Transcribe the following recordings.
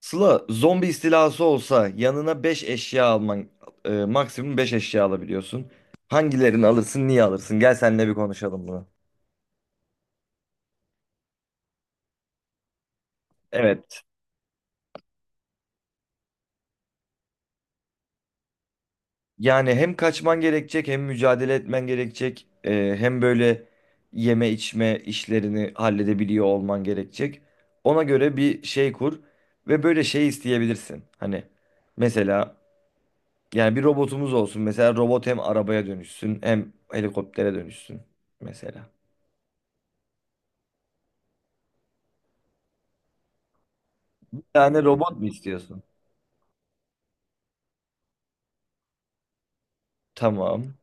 Sıla, zombi istilası olsa yanına 5 eşya alman, maksimum 5 eşya alabiliyorsun. Hangilerini alırsın, niye alırsın? Gel seninle bir konuşalım bunu. Evet. Yani hem kaçman gerekecek, hem mücadele etmen gerekecek, hem böyle yeme içme işlerini halledebiliyor olman gerekecek. Ona göre bir şey kur ve böyle şey isteyebilirsin. Hani mesela yani bir robotumuz olsun. Mesela robot hem arabaya dönüşsün, hem helikoptere dönüşsün mesela. Yani robot mu istiyorsun? Tamam.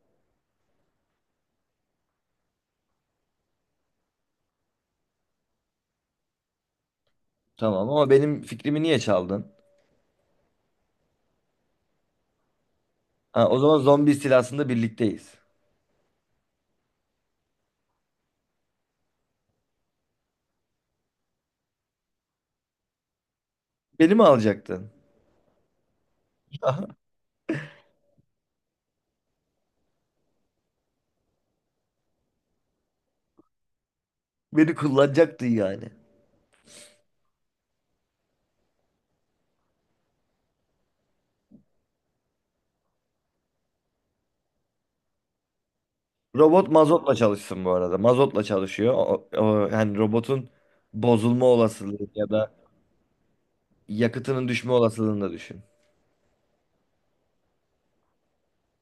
Tamam ama benim fikrimi niye çaldın? Ha, o zaman zombi istilasında birlikteyiz. Beni mi alacaktın? Aha, beni kullanacaktın yani. Robot mazotla çalışsın bu arada. Mazotla çalışıyor. Yani robotun bozulma olasılığı ya da yakıtının düşme olasılığını da düşün.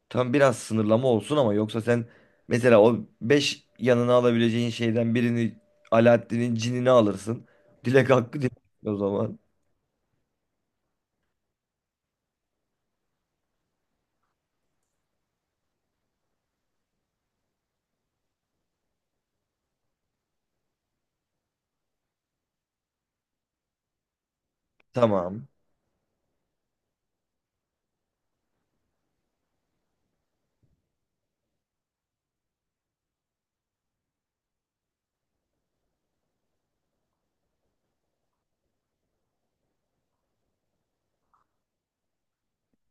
Tam biraz sınırlama olsun ama yoksa sen mesela o 5 yanına alabileceğin şeyden birini Alaaddin'in cinini alırsın. Dilek hakkı dilek o zaman. Tamam.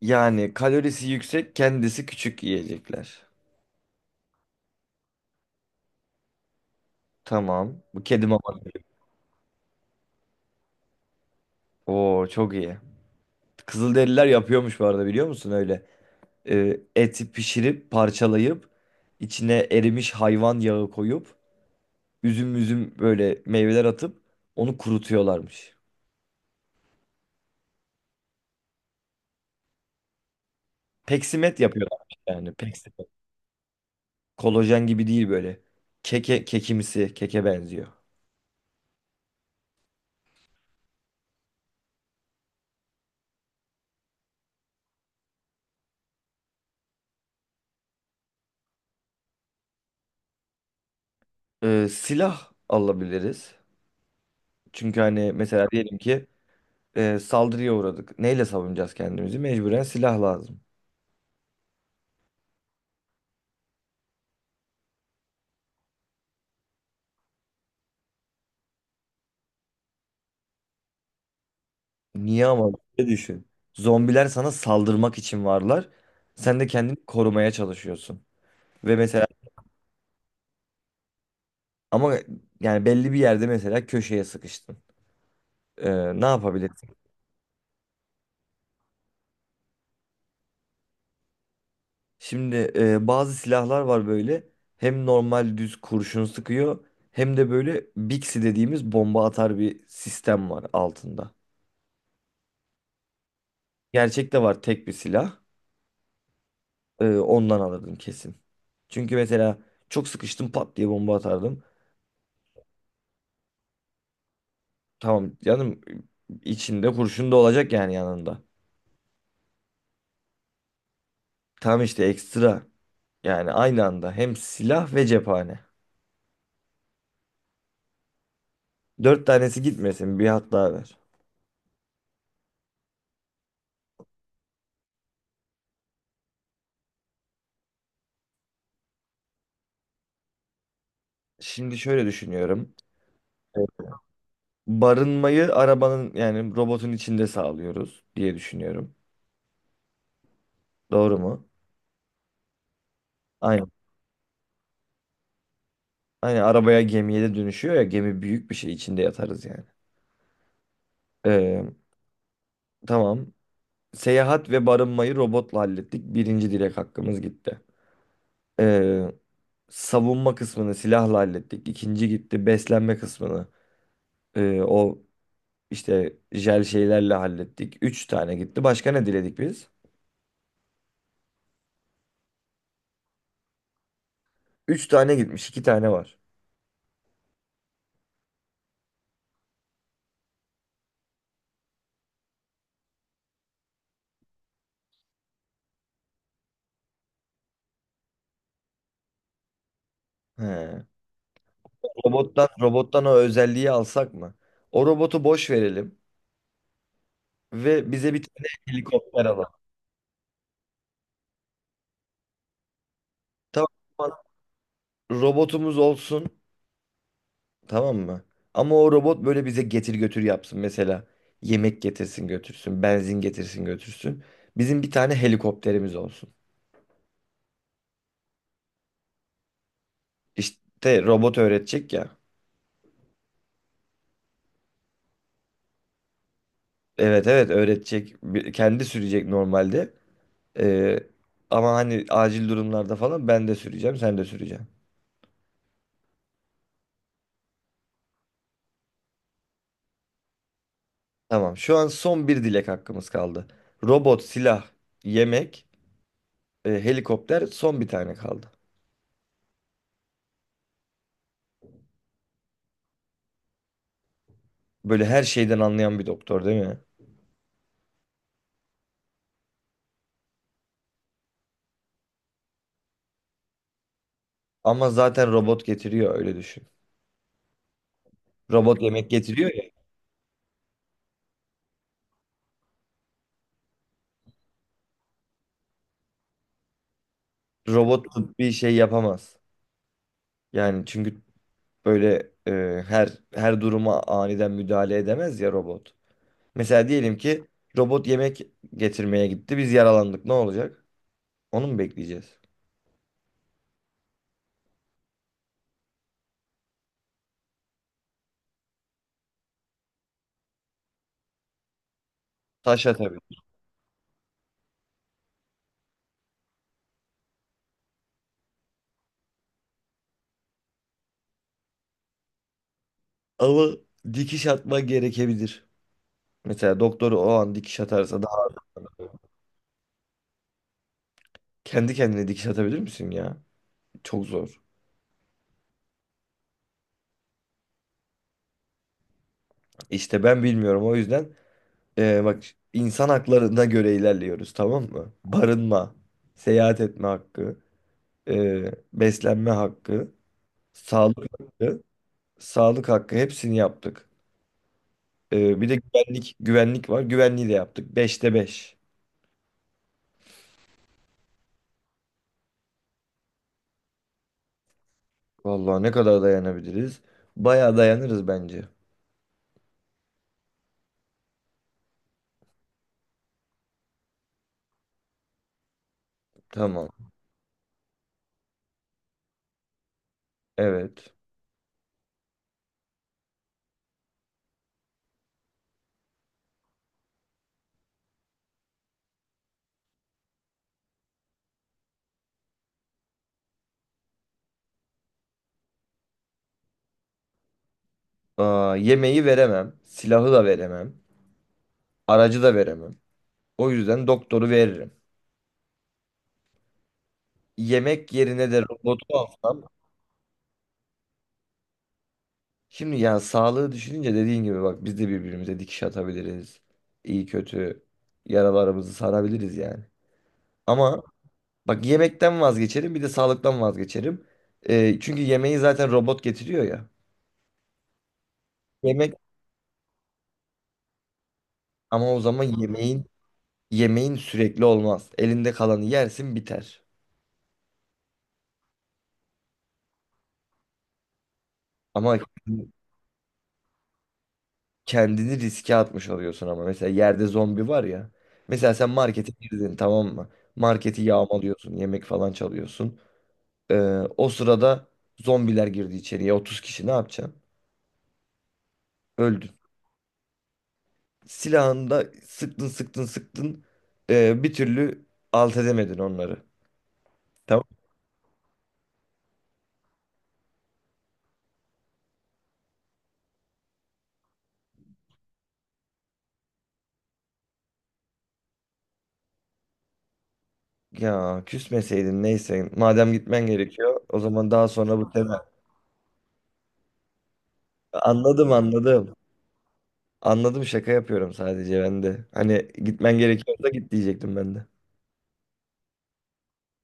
Yani kalorisi yüksek, kendisi küçük yiyecekler. Tamam. Bu kedi maması. Oo çok iyi. Kızılderililer yapıyormuş bu arada biliyor musun öyle? Eti pişirip parçalayıp içine erimiş hayvan yağı koyup üzüm üzüm böyle meyveler atıp onu kurutuyorlarmış. Peksimet yapıyorlarmış yani. Peksimet. Kolajen gibi değil böyle. Keke, kekimsi, keke benziyor. Silah alabiliriz. Çünkü hani mesela diyelim ki saldırıya uğradık. Neyle savunacağız kendimizi? Mecburen silah lazım. Niye ama? Ne düşün. Zombiler sana saldırmak için varlar. Sen de kendini korumaya çalışıyorsun. Ve mesela ama yani belli bir yerde mesela köşeye sıkıştın. E, Ne yapabilirsin? Şimdi bazı silahlar var böyle. Hem normal düz kurşun sıkıyor hem de böyle Bixi dediğimiz bomba atar bir sistem var altında. Gerçekte var tek bir silah. Ondan alırdım kesin. Çünkü mesela çok sıkıştım pat diye bomba atardım. Tamam canım, içinde kurşun da olacak yani yanında. Tam işte ekstra, yani aynı anda hem silah ve cephane. Dört tanesi gitmesin, bir hat daha ver. Şimdi şöyle düşünüyorum. Evet. Barınmayı arabanın yani robotun içinde sağlıyoruz diye düşünüyorum. Doğru mu? Aynen. Aynen arabaya, gemiye de dönüşüyor ya, gemi büyük bir şey içinde yatarız yani. Ee, tamam. Seyahat ve barınmayı robotla hallettik. Birinci direk hakkımız gitti. Ee, Savunma kısmını silahla hallettik. İkinci gitti. Beslenme kısmını o işte jel şeylerle hallettik. Üç tane gitti. Başka ne diledik biz? Üç tane gitmiş. İki tane var. He. Robottan o özelliği alsak mı? O robotu boş verelim ve bize bir tane helikopter alalım. Tamam. Robotumuz olsun. Tamam mı? Ama o robot böyle bize getir götür yapsın. Mesela yemek getirsin götürsün, benzin getirsin götürsün. Bizim bir tane helikopterimiz olsun. İşte robot öğretecek ya. Evet evet öğretecek. Kendi sürecek normalde. Ee, Ama hani acil durumlarda falan ben de süreceğim, sen de süreceksin. Tamam. Şu an son bir dilek hakkımız kaldı. Robot, silah, yemek, helikopter, son bir tane kaldı. Böyle her şeyden anlayan bir doktor değil mi? Ama zaten robot getiriyor, öyle düşün. Robot yemek getiriyor ya. Robot bir şey yapamaz. Yani çünkü böyle her duruma aniden müdahale edemez ya robot. Mesela diyelim ki robot yemek getirmeye gitti. Biz yaralandık. Ne olacak? Onu mu bekleyeceğiz? Taşa tabii. Ama dikiş atma gerekebilir. Mesela doktoru o an dikiş atarsa daha kendi kendine dikiş atabilir misin ya? Çok zor. İşte ben bilmiyorum, o yüzden bak, insan haklarına göre ilerliyoruz, tamam mı? Barınma, seyahat etme hakkı. e, Beslenme hakkı, sağlık hakkı, sağlık hakkı, hepsini yaptık. E, bir de güvenlik var. Güvenliği de yaptık. Beşte 5. Vallahi ne kadar dayanabiliriz? Bayağı dayanırız bence. Tamam. Evet. Aa, yemeği veremem. Silahı da veremem. Aracı da veremem. O yüzden doktoru veririm. Yemek yerine de robotu alsam. Şimdi ya sağlığı düşününce dediğin gibi, bak, biz de birbirimize dikiş atabiliriz. İyi kötü yaralarımızı sarabiliriz yani. Ama bak, yemekten vazgeçerim, bir de sağlıktan vazgeçerim. Çünkü yemeği zaten robot getiriyor ya. Yemek, ama o zaman yemeğin sürekli olmaz. Elinde kalanı yersin, biter. Ama kendini riske atmış oluyorsun, ama mesela yerde zombi var ya. Mesela sen markete girdin, tamam mı? Marketi yağmalıyorsun, yemek falan çalıyorsun. Ee, O sırada zombiler girdi içeriye, 30 kişi, ne yapacaksın? Öldün. Silahında sıktın, sıktın, sıktın, bir türlü alt edemedin onları. Tamam. Ya küsmeseydin, neyse, madem gitmen gerekiyor, o zaman daha sonra bu tema. Anladım, anladım. Anladım, şaka yapıyorum sadece ben de. Hani gitmen gerekiyorsa git diyecektim ben de.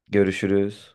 Görüşürüz.